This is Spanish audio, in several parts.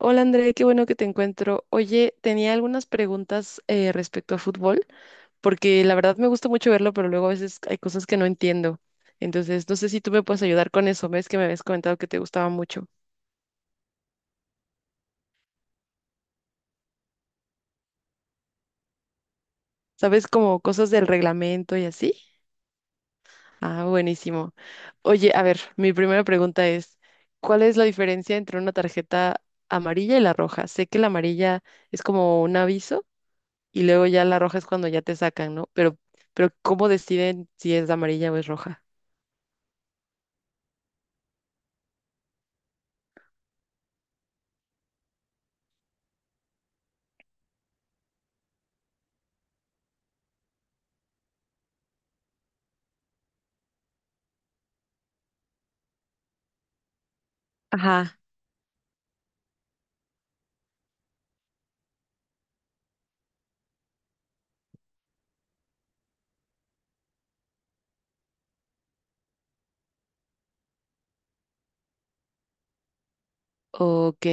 Hola André, qué bueno que te encuentro. Oye, tenía algunas preguntas respecto a fútbol, porque la verdad me gusta mucho verlo, pero luego a veces hay cosas que no entiendo. Entonces, no sé si tú me puedes ayudar con eso. Ves que me habías comentado que te gustaba mucho. ¿Sabes como cosas del reglamento y así? Ah, buenísimo. Oye, a ver, mi primera pregunta es, ¿cuál es la diferencia entre una tarjeta amarilla y la roja? Sé que la amarilla es como un aviso y luego ya la roja es cuando ya te sacan, ¿no? Pero ¿cómo deciden si es amarilla o es roja? Ajá. Ok.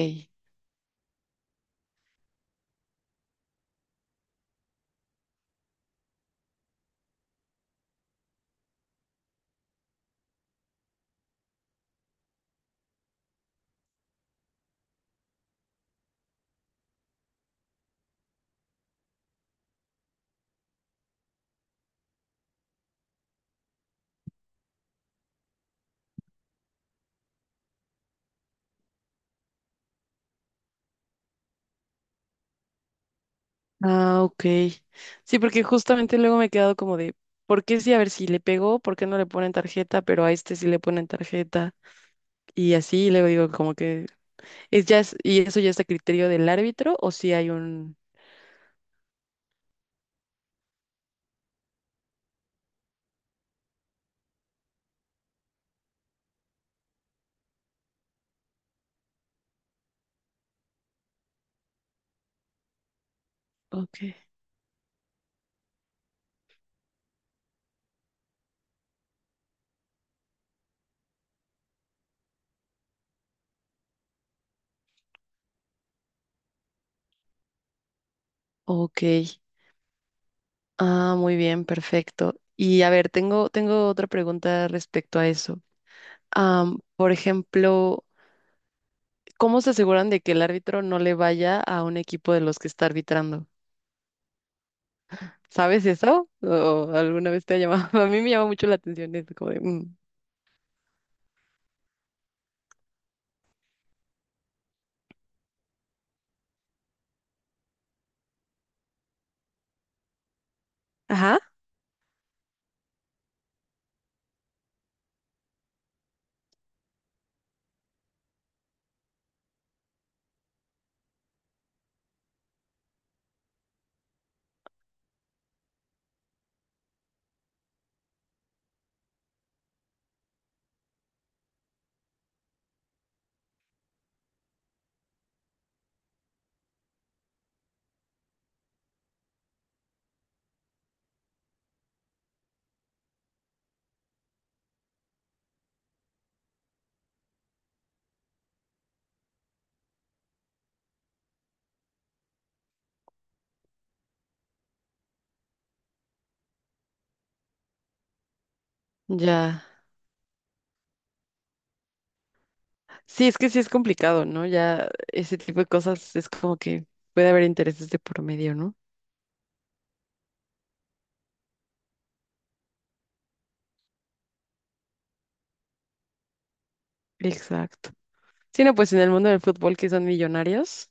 Ah, ok. Sí, porque justamente luego me he quedado como de, ¿por qué sí? A ver, si le pegó, ¿por qué no le ponen tarjeta? Pero a este sí le ponen tarjeta. Y así, y luego digo como que es ya. Y eso ya está a criterio del árbitro o si hay un. Ok. Ok. Ah, muy bien, perfecto. Y a ver, tengo otra pregunta respecto a eso. Por ejemplo, ¿cómo se aseguran de que el árbitro no le vaya a un equipo de los que está arbitrando? ¿Sabes eso? ¿O alguna vez te ha llamado? A mí me llama mucho la atención eso, como de, ajá, ya. Sí, es que sí es complicado, ¿no? Ya ese tipo de cosas es como que puede haber intereses de por medio, ¿no? Exacto. Sí, no, pues en el mundo del fútbol que son millonarios,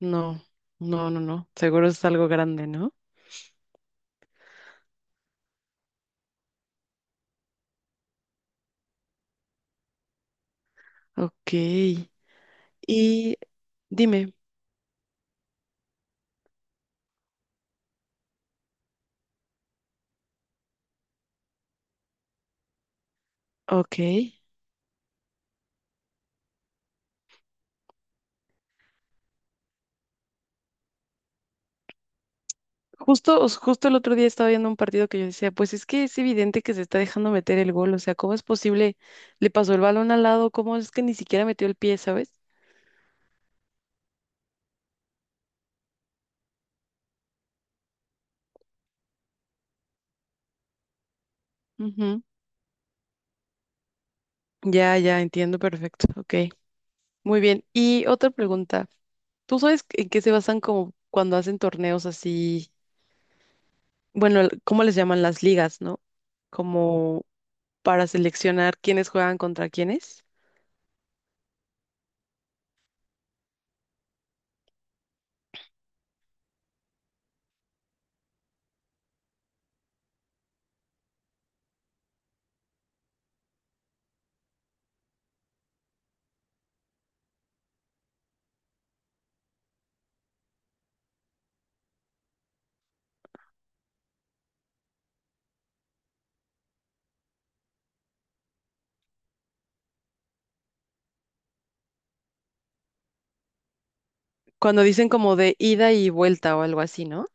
no, no, no, no. Seguro es algo grande, ¿no? Ok. Y dime, ok. Justo, justo el otro día estaba viendo un partido que yo decía, pues es que es evidente que se está dejando meter el gol, o sea, ¿cómo es posible? Le pasó el balón al lado, ¿cómo es que ni siquiera metió el pie, ¿sabes? Ujú. Ya, ya, entiendo perfecto, ok. Muy bien, y otra pregunta, ¿tú sabes en qué se basan como cuando hacen torneos así, bueno, ¿cómo les llaman las ligas, no? Como para seleccionar quiénes juegan contra quiénes, cuando dicen como de ida y vuelta o algo así, ¿no?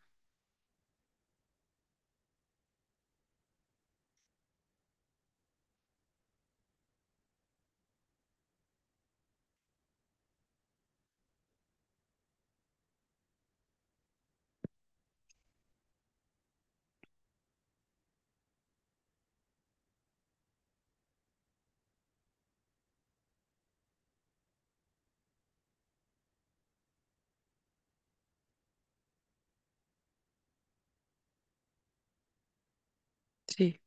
Sí,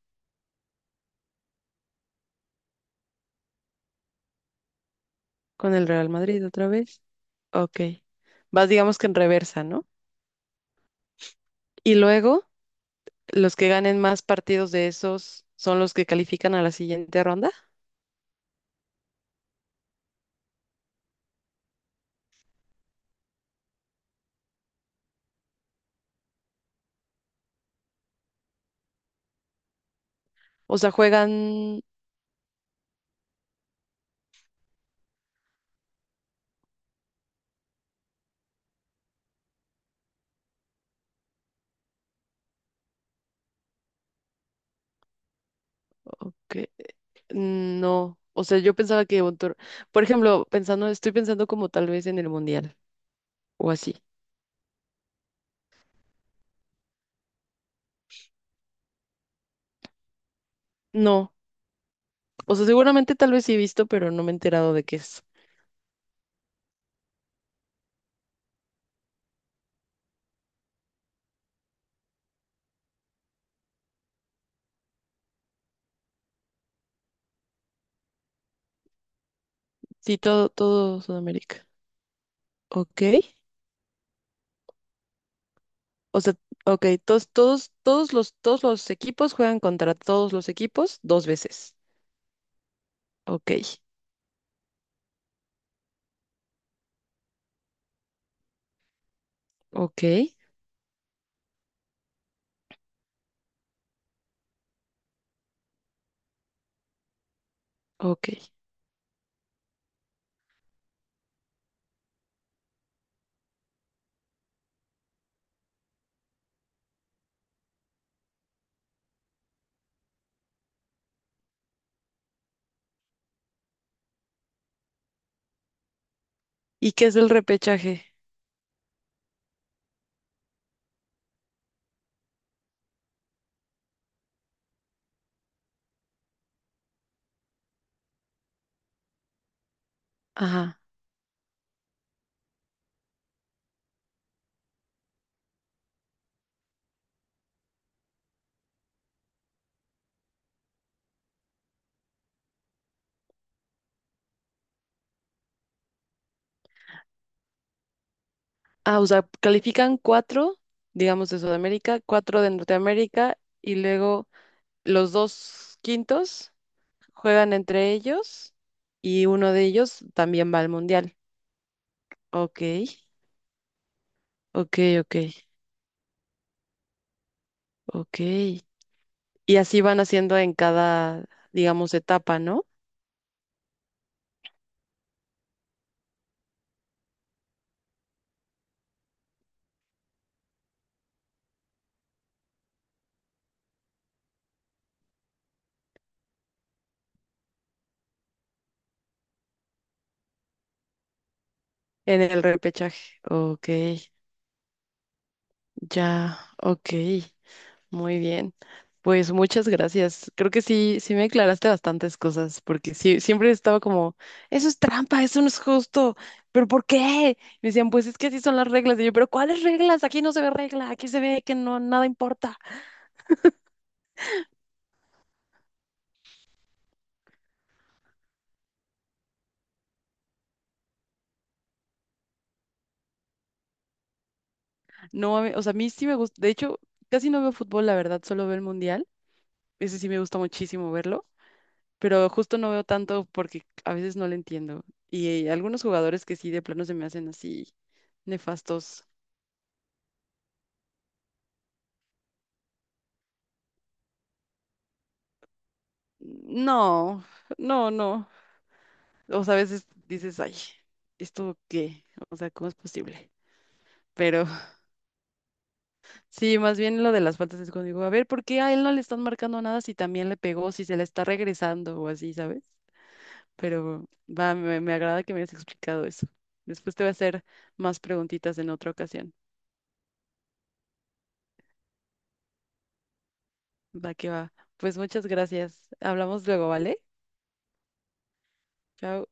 con el Real Madrid otra vez. Ok. Vas, digamos que en reversa, ¿no? Y luego, los que ganen más partidos de esos son los que califican a la siguiente ronda. O sea, juegan. Ok, no. O sea, yo pensaba que por ejemplo, pensando, estoy pensando como tal vez en el mundial o así. No. O sea, seguramente tal vez sí he visto, pero no me he enterado de qué es. Sí, todo, todo Sudamérica. Ok. O sea, ok, todos, todos, todos los equipos juegan contra todos los equipos dos veces. Ok. Ok, ok. ¿Y qué es el repechaje? Ajá. Ah, o sea, califican cuatro, digamos, de Sudamérica, cuatro de Norteamérica, y luego los dos quintos juegan entre ellos y uno de ellos también va al mundial. Ok, ok, ok, ok. Y así van haciendo en cada, digamos, etapa, ¿no? En el repechaje. Ok, ya, ok. Muy bien. Pues muchas gracias. Creo que sí, sí me aclaraste bastantes cosas, porque sí, siempre estaba como, eso es trampa, eso no es justo, pero ¿por qué? Me decían, pues es que así son las reglas. Y yo, pero ¿cuáles reglas? Aquí no se ve regla, aquí se ve que no, nada importa. No, o sea, a mí sí me gusta, de hecho, casi no veo fútbol, la verdad, solo veo el mundial. Ese sí me gusta muchísimo verlo, pero justo no veo tanto porque a veces no lo entiendo. Y algunos jugadores que sí de plano se me hacen así nefastos. No, no, no. O sea, a veces dices, ay, ¿esto qué? O sea, ¿cómo es posible? Pero sí, más bien lo de las faltas es cuando digo, a ver, ¿por qué a él no le están marcando nada si también le pegó, si se le está regresando o así, ¿sabes? Pero va, me agrada que me hayas explicado eso. Después te voy a hacer más preguntitas en otra ocasión. Va que va. Pues muchas gracias. Hablamos luego, ¿vale? Chao.